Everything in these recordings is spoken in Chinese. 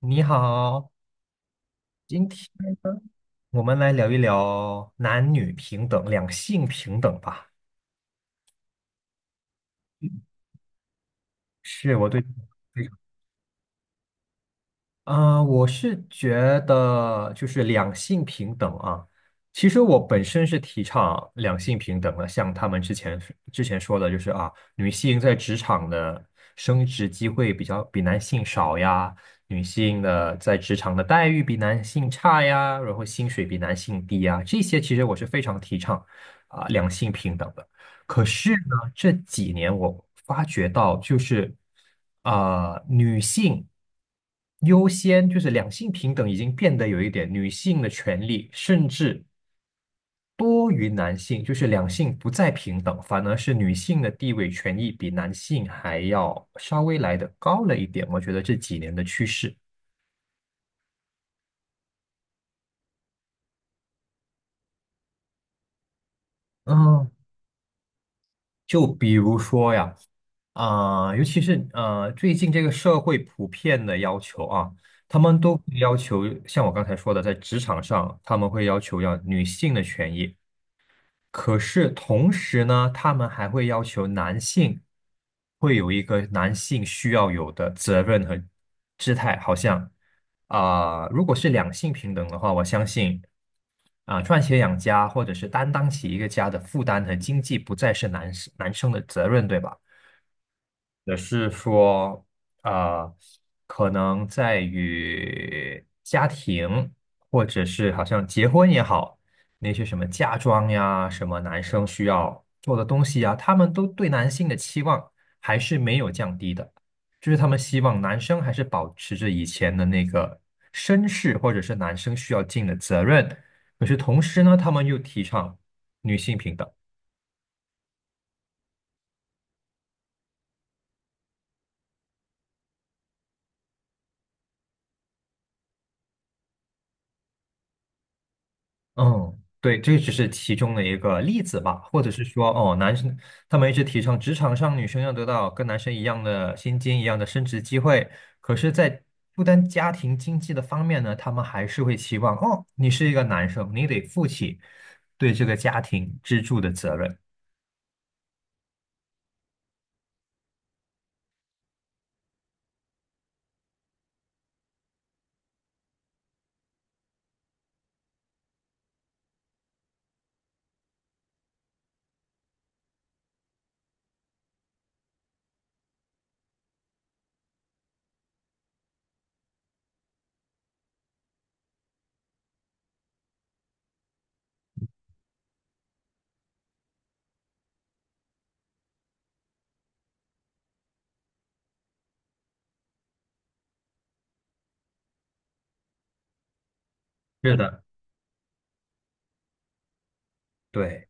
你好，今天呢我们来聊一聊男女平等、两性平等吧。是我对，我是觉得就是两性平等啊。其实我本身是提倡两性平等的，像他们之前说的，就是啊，女性在职场的升职机会比男性少呀，女性的在职场的待遇比男性差呀，然后薪水比男性低呀，这些其实我是非常提倡两性平等的。可是呢，这几年我发觉到，就是女性优先，就是两性平等已经变得有一点女性的权利，甚至多于男性，就是两性不再平等，反而是女性的地位权益比男性还要稍微来的高了一点。我觉得这几年的趋势，嗯，就比如说呀。尤其是最近这个社会普遍的要求啊，他们都会要求，像我刚才说的，在职场上，他们会要求要女性的权益，可是同时呢，他们还会要求男性会有一个男性需要有的责任和姿态，好像如果是两性平等的话，我相信赚钱养家或者是担当起一个家的负担和经济，不再是男生的责任，对吧？也是说，呃，可能在于家庭，或者是好像结婚也好，那些什么嫁妆呀，什么男生需要做的东西呀，他们都对男性的期望还是没有降低的，就是他们希望男生还是保持着以前的那个绅士，或者是男生需要尽的责任。可是同时呢，他们又提倡女性平等。嗯，对，这只是其中的一个例子吧，或者是说，哦，男生他们一直提倡职场上女生要得到跟男生一样的薪金、一样的升职机会，可是，在负担家庭经济的方面呢，他们还是会期望，哦，你是一个男生，你得负起对这个家庭支柱的责任。是的，对，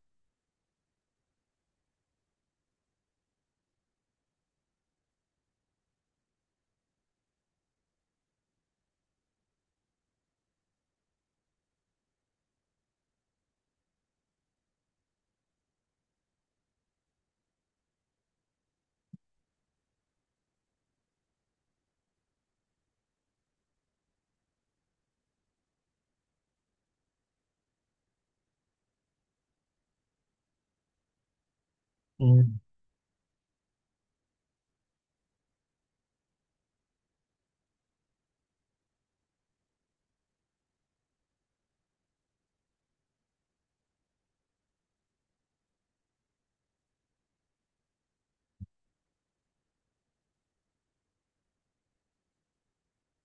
嗯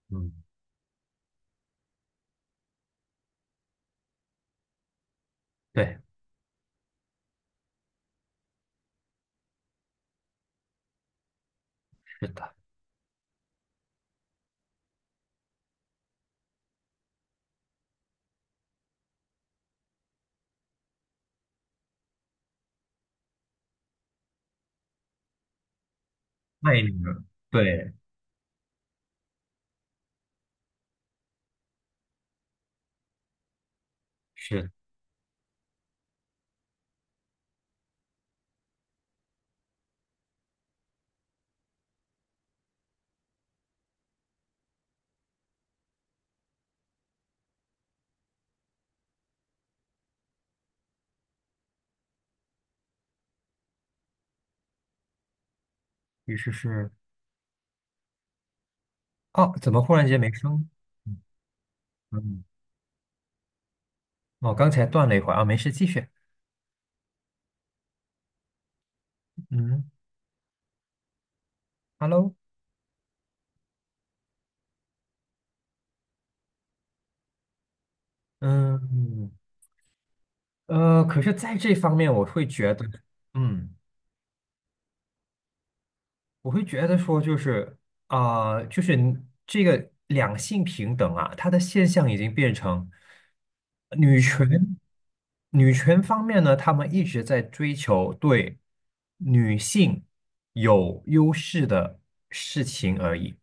嗯，对，是的，那一点呢。对，是，于是是，哦，怎么忽然间没声？嗯，嗯哦，刚才断了一会儿啊，没事，继续。嗯，Hello，嗯，可是在这方面，我会觉得，嗯，我会觉得说，就是就是你这个两性平等啊，它的现象已经变成女权，女权方面呢，他们一直在追求对女性有优势的事情而已。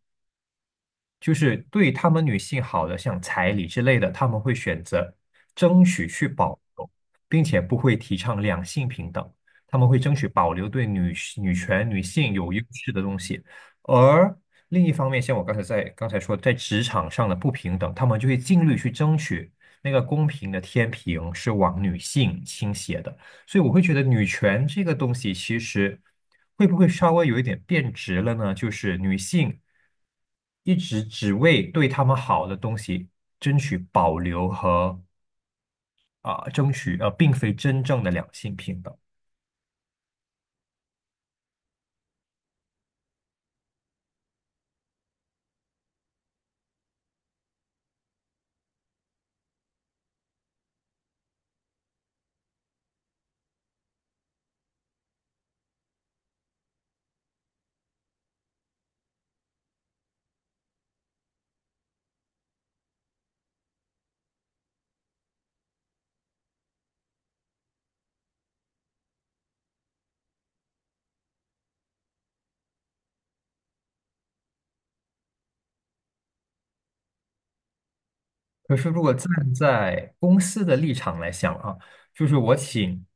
就是对他们女性好的，像彩礼之类的，他们会选择争取去保留，并且不会提倡两性平等，他们会争取保留对女权、女性有优势的东西。而另一方面，像我刚才说，在职场上的不平等，他们就会尽力去争取那个公平的天平是往女性倾斜的。所以我会觉得女权这个东西其实会不会稍微有一点变质了呢？就是女性一直只为对她们好的东西争取保留和争取，并非真正的两性平等。可是如果站在公司的立场来想啊，就是我请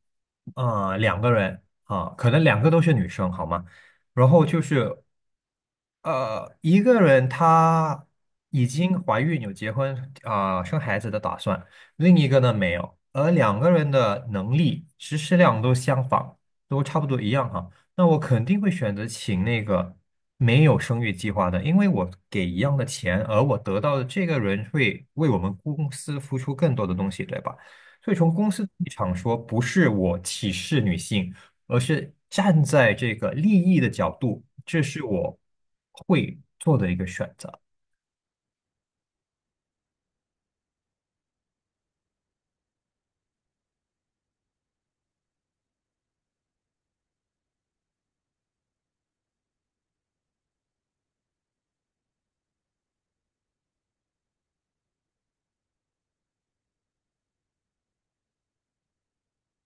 两个人啊、可能两个都是女生，好吗？然后就是。一个人她已经怀孕有结婚生孩子的打算，另一个呢没有，而两个人的能力、实施量都相仿，都差不多一样哈。那我肯定会选择请那个没有生育计划的，因为我给一样的钱，而我得到的这个人会为我们公司付出更多的东西，对吧？所以从公司的立场说，不是我歧视女性。而是站在这个利益的角度，这是我会做的一个选择。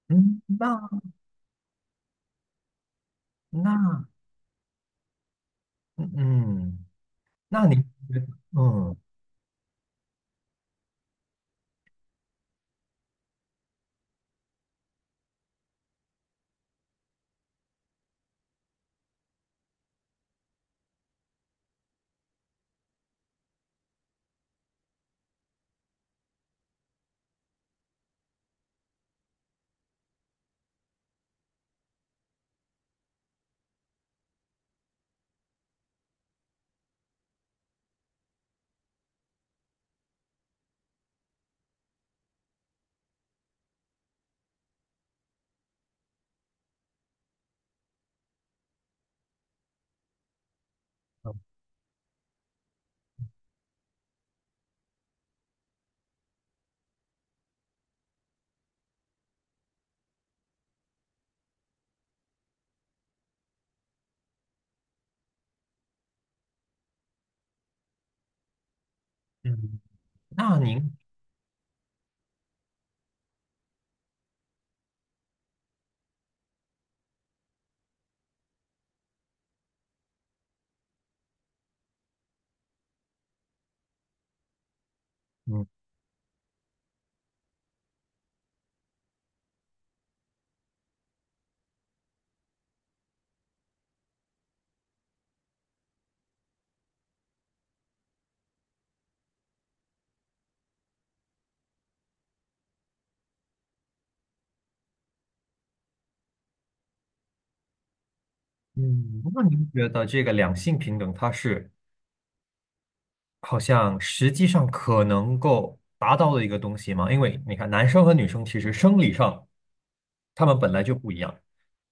嗯，那嗯嗯那您觉得嗯嗯，嗯那您嗯嗯，那您觉得这个两性平等，它是好像实际上可能够达到的一个东西吗？因为你看，男生和女生其实生理上。他们本来就不一样，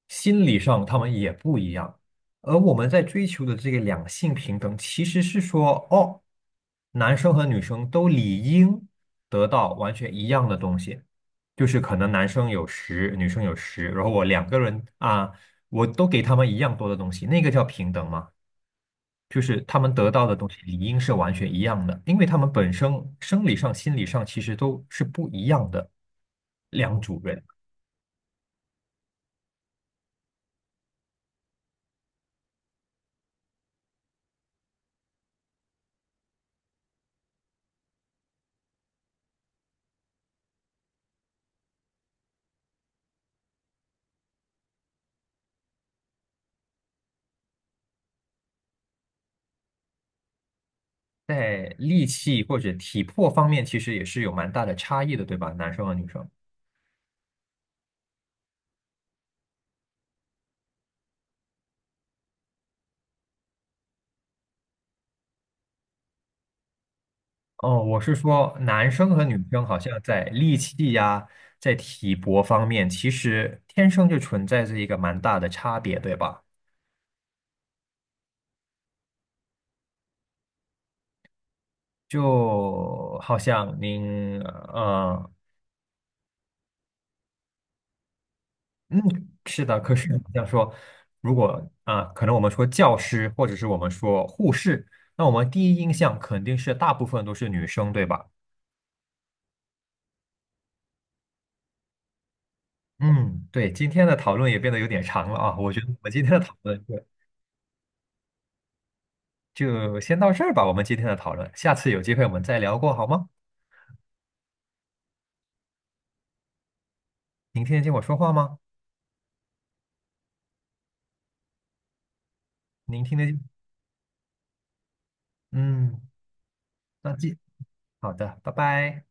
心理上他们也不一样。而我们在追求的这个两性平等，其实是说，哦，男生和女生都理应得到完全一样的东西，就是可能男生有十，女生有十，然后我两个人啊，我都给他们一样多的东西，那个叫平等吗？就是他们得到的东西理应是完全一样的，因为他们本身生理上、心理上其实都是不一样的两组人。在力气或者体魄方面，其实也是有蛮大的差异的，对吧？男生和女生。哦，我是说，男生和女生好像在力气呀，在体魄方面，其实天生就存在着一个蛮大的差别，对吧？就好像您，嗯，是的，可是好像说，如果可能我们说教师，或者是我们说护士，那我们第一印象肯定是大部分都是女生，对吧？嗯，对，今天的讨论也变得有点长了啊，我觉得我们今天的讨论就先到这儿吧，我们今天的讨论，下次有机会我们再聊过好吗？您听得见我说话吗？您听得见？嗯，那记，好的，拜拜。